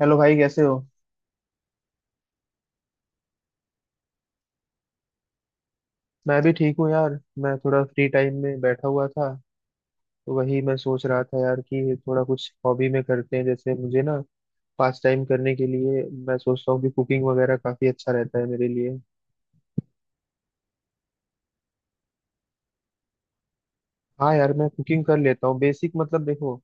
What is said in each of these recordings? Hello भाई कैसे हो। मैं भी ठीक हूँ यार। मैं थोड़ा फ्री टाइम में बैठा हुआ था। तो वही मैं सोच रहा था यार कि थोड़ा कुछ हॉबी में करते हैं। जैसे मुझे ना पास टाइम करने के लिए मैं सोचता हूँ कि कुकिंग वगैरह काफी अच्छा रहता है मेरे लिए। हाँ यार मैं कुकिंग कर लेता हूँ बेसिक मतलब देखो।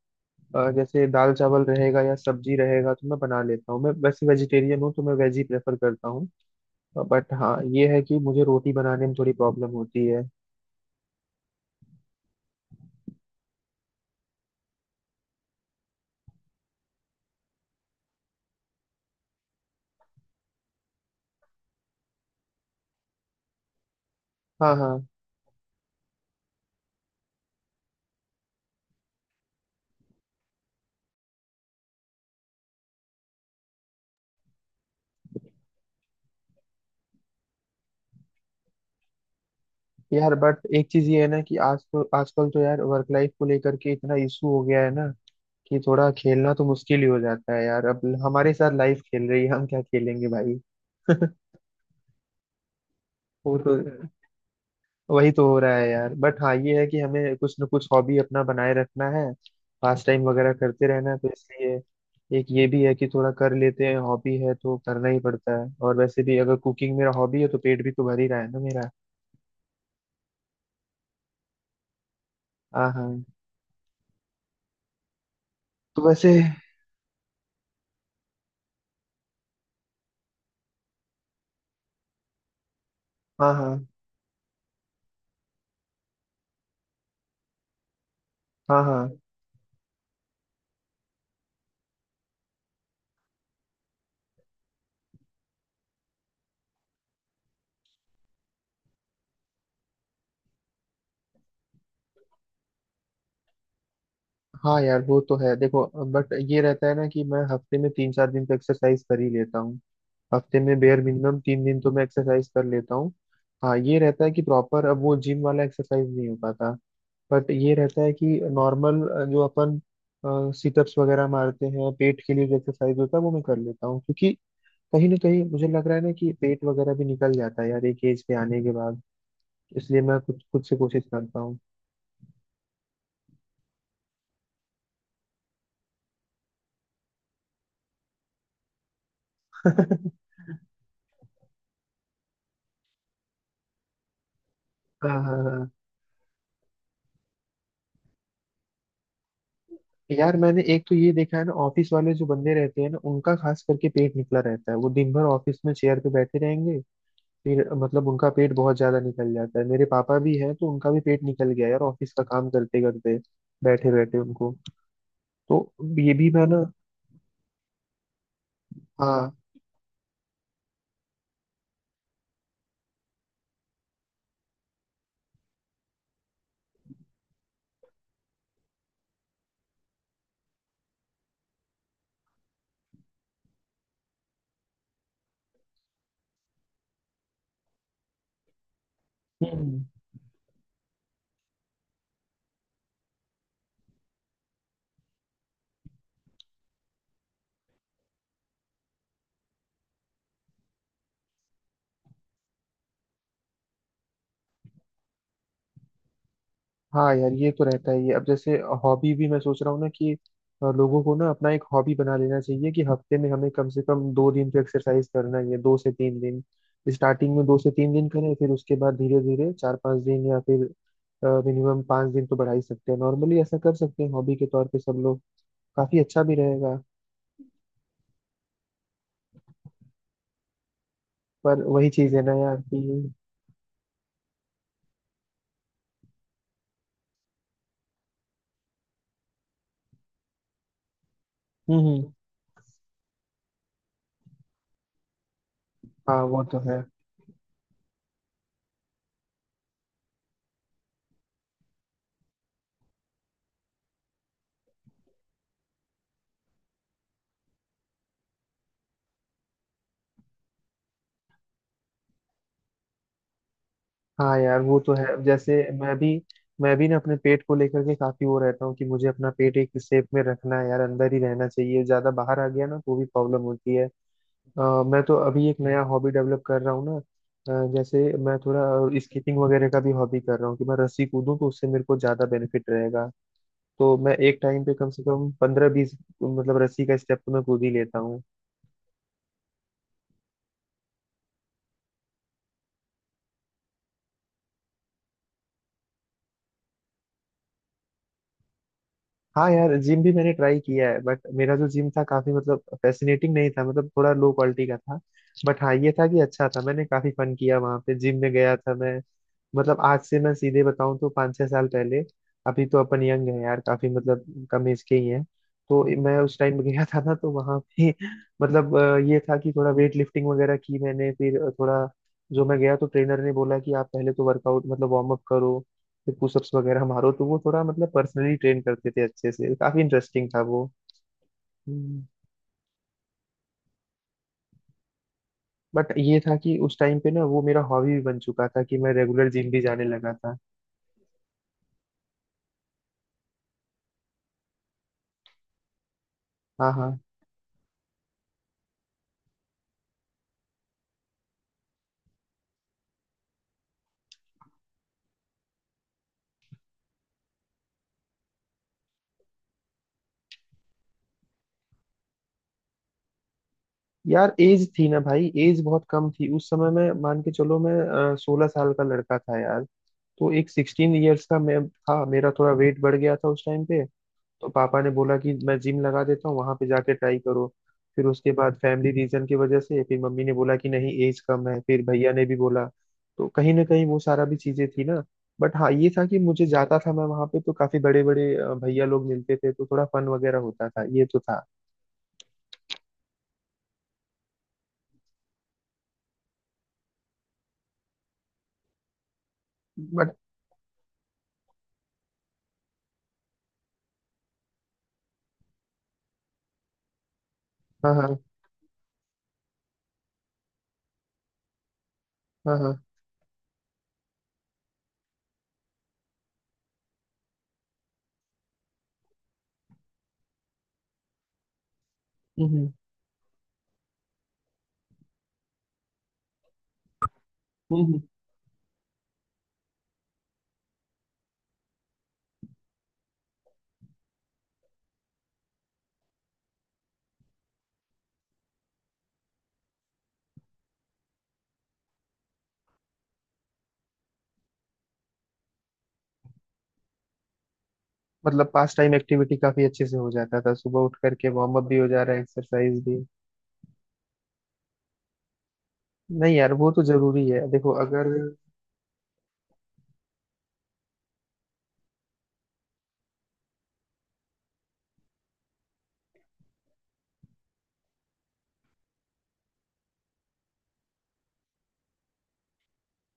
जैसे दाल चावल रहेगा या सब्जी रहेगा तो मैं बना लेता हूँ। मैं वैसे वेजिटेरियन हूँ तो मैं वेज ही प्रेफर करता हूँ। बट हाँ ये है कि मुझे रोटी बनाने में थोड़ी प्रॉब्लम होती है। हाँ, हाँ। यार बट एक चीज ये है ना कि आज तो आजकल तो यार वर्क लाइफ को लेकर के इतना इशू हो गया है ना कि थोड़ा खेलना तो मुश्किल ही हो जाता है यार अब। हमारे साथ लाइफ खेल रही है, हम क्या खेलेंगे भाई। वो तो वही तो हो रहा है यार। बट हाँ ये है कि हमें कुछ ना कुछ हॉबी अपना बनाए रखना है। पास टाइम वगैरह करते रहना है तो इसलिए एक ये भी है कि थोड़ा कर लेते हैं। हॉबी है तो करना ही पड़ता है, और वैसे भी अगर कुकिंग मेरा हॉबी है तो पेट भी तो भर ही रहा है ना मेरा। हाँ, हाँ। तो वैसे। हाँ, हाँ। हाँ, हाँ। हाँ यार वो तो है देखो। बट ये रहता है ना कि मैं हफ्ते में 3 4 दिन तो एक्सरसाइज कर ही लेता हूँ। हफ्ते में बेयर मिनिमम 3 दिन तो मैं एक्सरसाइज कर लेता हूँ। हाँ ये रहता है कि प्रॉपर अब वो जिम वाला एक्सरसाइज नहीं हो पाता। बट ये रहता है कि नॉर्मल जो अपन सिटअप्स वगैरह मारते हैं पेट के लिए जो एक्सरसाइज होता है वो मैं कर लेता हूँ, क्योंकि कहीं ना कहीं मुझे लग रहा है ना कि पेट वगैरह भी निकल जाता है यार एक एज पे आने के बाद। इसलिए मैं कुछ खुद से कोशिश करता हूँ। हाँ। हाँ यार मैंने एक तो ये देखा है ना, ऑफिस वाले जो बंदे रहते हैं ना उनका खास करके पेट निकला रहता है। वो दिन भर ऑफिस में चेयर पे बैठे रहेंगे फिर मतलब उनका पेट बहुत ज्यादा निकल जाता है। मेरे पापा भी हैं तो उनका भी पेट निकल गया यार, ऑफिस का काम करते करते बैठे बैठे उनको। तो ये भी मैं ना। हाँ, हाँ यार ये तो रहता ही है। अब जैसे हॉबी भी मैं सोच रहा हूँ ना कि लोगों को ना अपना एक हॉबी बना लेना चाहिए कि हफ्ते में हमें कम से कम 2 दिन तो एक्सरसाइज करना ही है, 2 से 3 दिन। स्टार्टिंग में 2 से 3 दिन करें, फिर उसके बाद धीरे धीरे 4 5 दिन, या फिर मिनिमम 5 दिन तो बढ़ा ही सकते हैं। नॉर्मली ऐसा कर सकते हैं हॉबी के तौर पे सब लोग। काफी अच्छा भी रहेगा। पर वही चीज है ना यार कि हम्म, हम्म। हाँ वो तो है। हाँ यार वो तो है। अब जैसे मैं भी ना अपने पेट को लेकर के काफी वो रहता हूँ कि मुझे अपना पेट एक शेप में रखना है यार, अंदर ही रहना चाहिए। ज्यादा बाहर आ गया ना तो भी प्रॉब्लम होती है। अ, मैं तो अभी एक नया हॉबी डेवलप कर रहा हूँ ना। जैसे मैं थोड़ा स्कीपिंग वगैरह का भी हॉबी कर रहा हूँ कि मैं रस्सी कूदूं, तो उससे मेरे को ज्यादा बेनिफिट रहेगा। तो मैं एक टाइम पे कम से कम 15 20 मतलब रस्सी का स्टेप तो मैं कूद ही लेता। हाँ यार जिम भी मैंने ट्राई किया है, बट मेरा जो जिम था काफी मतलब फैसिनेटिंग नहीं था, मतलब थोड़ा लो क्वालिटी का था। बट हाँ ये था कि अच्छा था, मैंने काफी फन किया वहाँ पे जिम में गया था मैं। मतलब आज से मैं सीधे बताऊं तो 5 6 साल पहले। अभी तो अपन यंग है यार, काफी मतलब कम एज के ही हैं। तो मैं उस टाइम गया था ना तो वहां पे मतलब ये था कि थोड़ा वेट लिफ्टिंग वगैरह की मैंने, फिर थोड़ा जो मैं गया तो ट्रेनर ने बोला कि आप पहले तो वर्कआउट मतलब वार्म अप करो। फिर पुशअप्स वगैरह मारो। तो वो थोड़ा मतलब पर्सनली ट्रेन करते थे अच्छे से, काफी इंटरेस्टिंग था वो। हम्म। बट ये था कि उस टाइम पे ना वो मेरा हॉबी भी बन चुका था कि मैं रेगुलर जिम भी जाने लगा था। हाँ, हाँ। यार एज थी ना भाई, एज बहुत कम थी उस समय में। मान के चलो मैं 16 साल का लड़का था यार। तो एक 16 years का मैं था, मेरा थोड़ा वेट बढ़ गया था उस टाइम पे। तो पापा ने बोला कि मैं जिम लगा देता हूँ, वहां पे जाके ट्राई करो। फिर उसके बाद फैमिली रीजन की वजह से फिर मम्मी ने बोला कि नहीं, एज कम है, फिर भैया ने भी बोला। तो कहीं ना कहीं वो सारा भी चीजें थी ना। बट हाँ ये था कि मुझे जाता था, मैं वहां पे तो काफी बड़े बड़े भैया लोग मिलते थे तो थोड़ा फन वगैरह होता था, ये तो था। बट हाँ, हाँ, हाँ, हाँ। हम्म, हम्म, हम्म। मतलब पास टाइम एक्टिविटी काफी अच्छे से हो जाता था, सुबह उठ करके वार्म अप भी हो जा रहा है एक्सरसाइज भी। नहीं यार वो तो जरूरी है देखो अगर।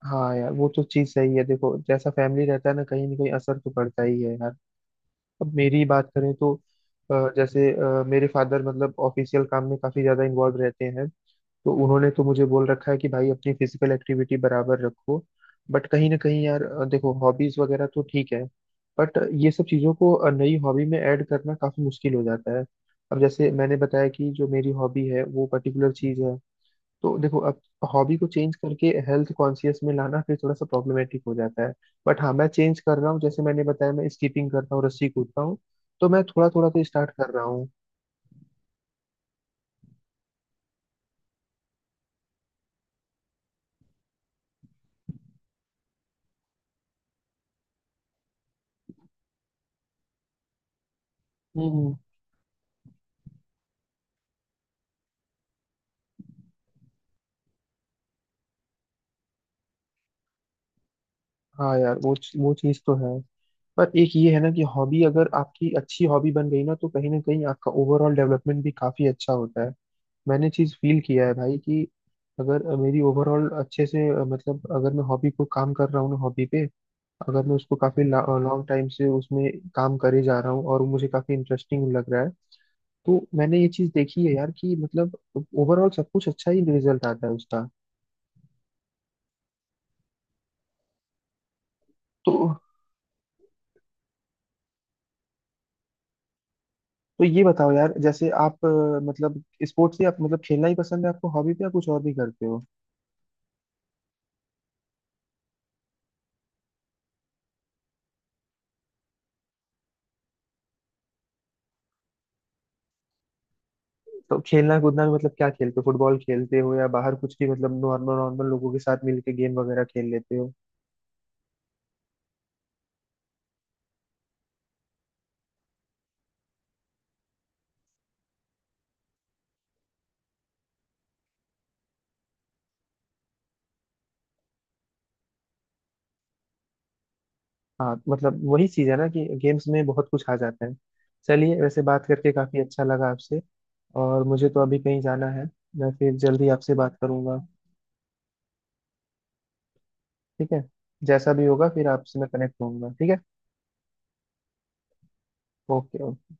हाँ यार वो तो चीज सही है देखो, जैसा फैमिली रहता है ना कहीं असर तो पड़ता ही है यार। अब मेरी ही बात करें तो जैसे मेरे फादर मतलब ऑफिशियल काम में काफी ज्यादा इन्वॉल्व रहते हैं। तो उन्होंने तो मुझे बोल रखा है कि भाई अपनी फिजिकल एक्टिविटी बराबर रखो। बट कहीं ना कहीं यार देखो हॉबीज वगैरह तो ठीक है। बट ये सब चीज़ों को नई हॉबी में ऐड करना काफ़ी मुश्किल हो जाता है। अब जैसे मैंने बताया कि जो मेरी हॉबी है वो पर्टिकुलर चीज़ है। तो देखो अब हॉबी को चेंज करके हेल्थ कॉन्शियस में लाना फिर थोड़ा सा प्रॉब्लमेटिक हो जाता है। बट हाँ मैं चेंज कर रहा हूँ, जैसे मैंने बताया मैं स्कीपिंग करता हूँ, रस्सी कूदता हूँ। तो मैं थोड़ा थोड़ा तो स्टार्ट कर रहा हूँ। हम्म, हाँ यार वो चीज़ तो है। पर एक ये है ना कि हॉबी अगर आपकी अच्छी हॉबी बन गई ना तो कहीं ना कहीं आपका ओवरऑल डेवलपमेंट भी काफी अच्छा होता है। मैंने चीज फील किया है भाई कि अगर मेरी ओवरऑल अच्छे से मतलब अगर मैं हॉबी को काम कर रहा हूँ ना हॉबी पे, अगर मैं उसको काफी लॉन्ग टाइम से उसमें काम करे जा रहा हूँ और मुझे काफी इंटरेस्टिंग लग रहा है, तो मैंने ये चीज देखी है यार कि मतलब ओवरऑल सब कुछ अच्छा ही रिजल्ट आता है उसका। तो तो ये बताओ यार, जैसे आप मतलब स्पोर्ट्स से आप मतलब खेलना ही पसंद है आपको हॉबी पे, या कुछ और भी करते हो। तो खेलना कूदना में मतलब क्या खेलते हो, फुटबॉल खेलते हो या बाहर कुछ भी मतलब नॉर्मल नॉर्मल लोगों के साथ मिलके गेम वगैरह खेल लेते हो। हाँ मतलब वही चीज है ना कि गेम्स में बहुत कुछ आ जाता है। चलिए वैसे बात करके काफी अच्छा लगा आपसे। और मुझे तो अभी कहीं जाना है। मैं फिर जल्दी आपसे बात करूंगा। ठीक है। जैसा भी होगा फिर आपसे मैं कनेक्ट होऊंगा, ठीक है। Okay, okay.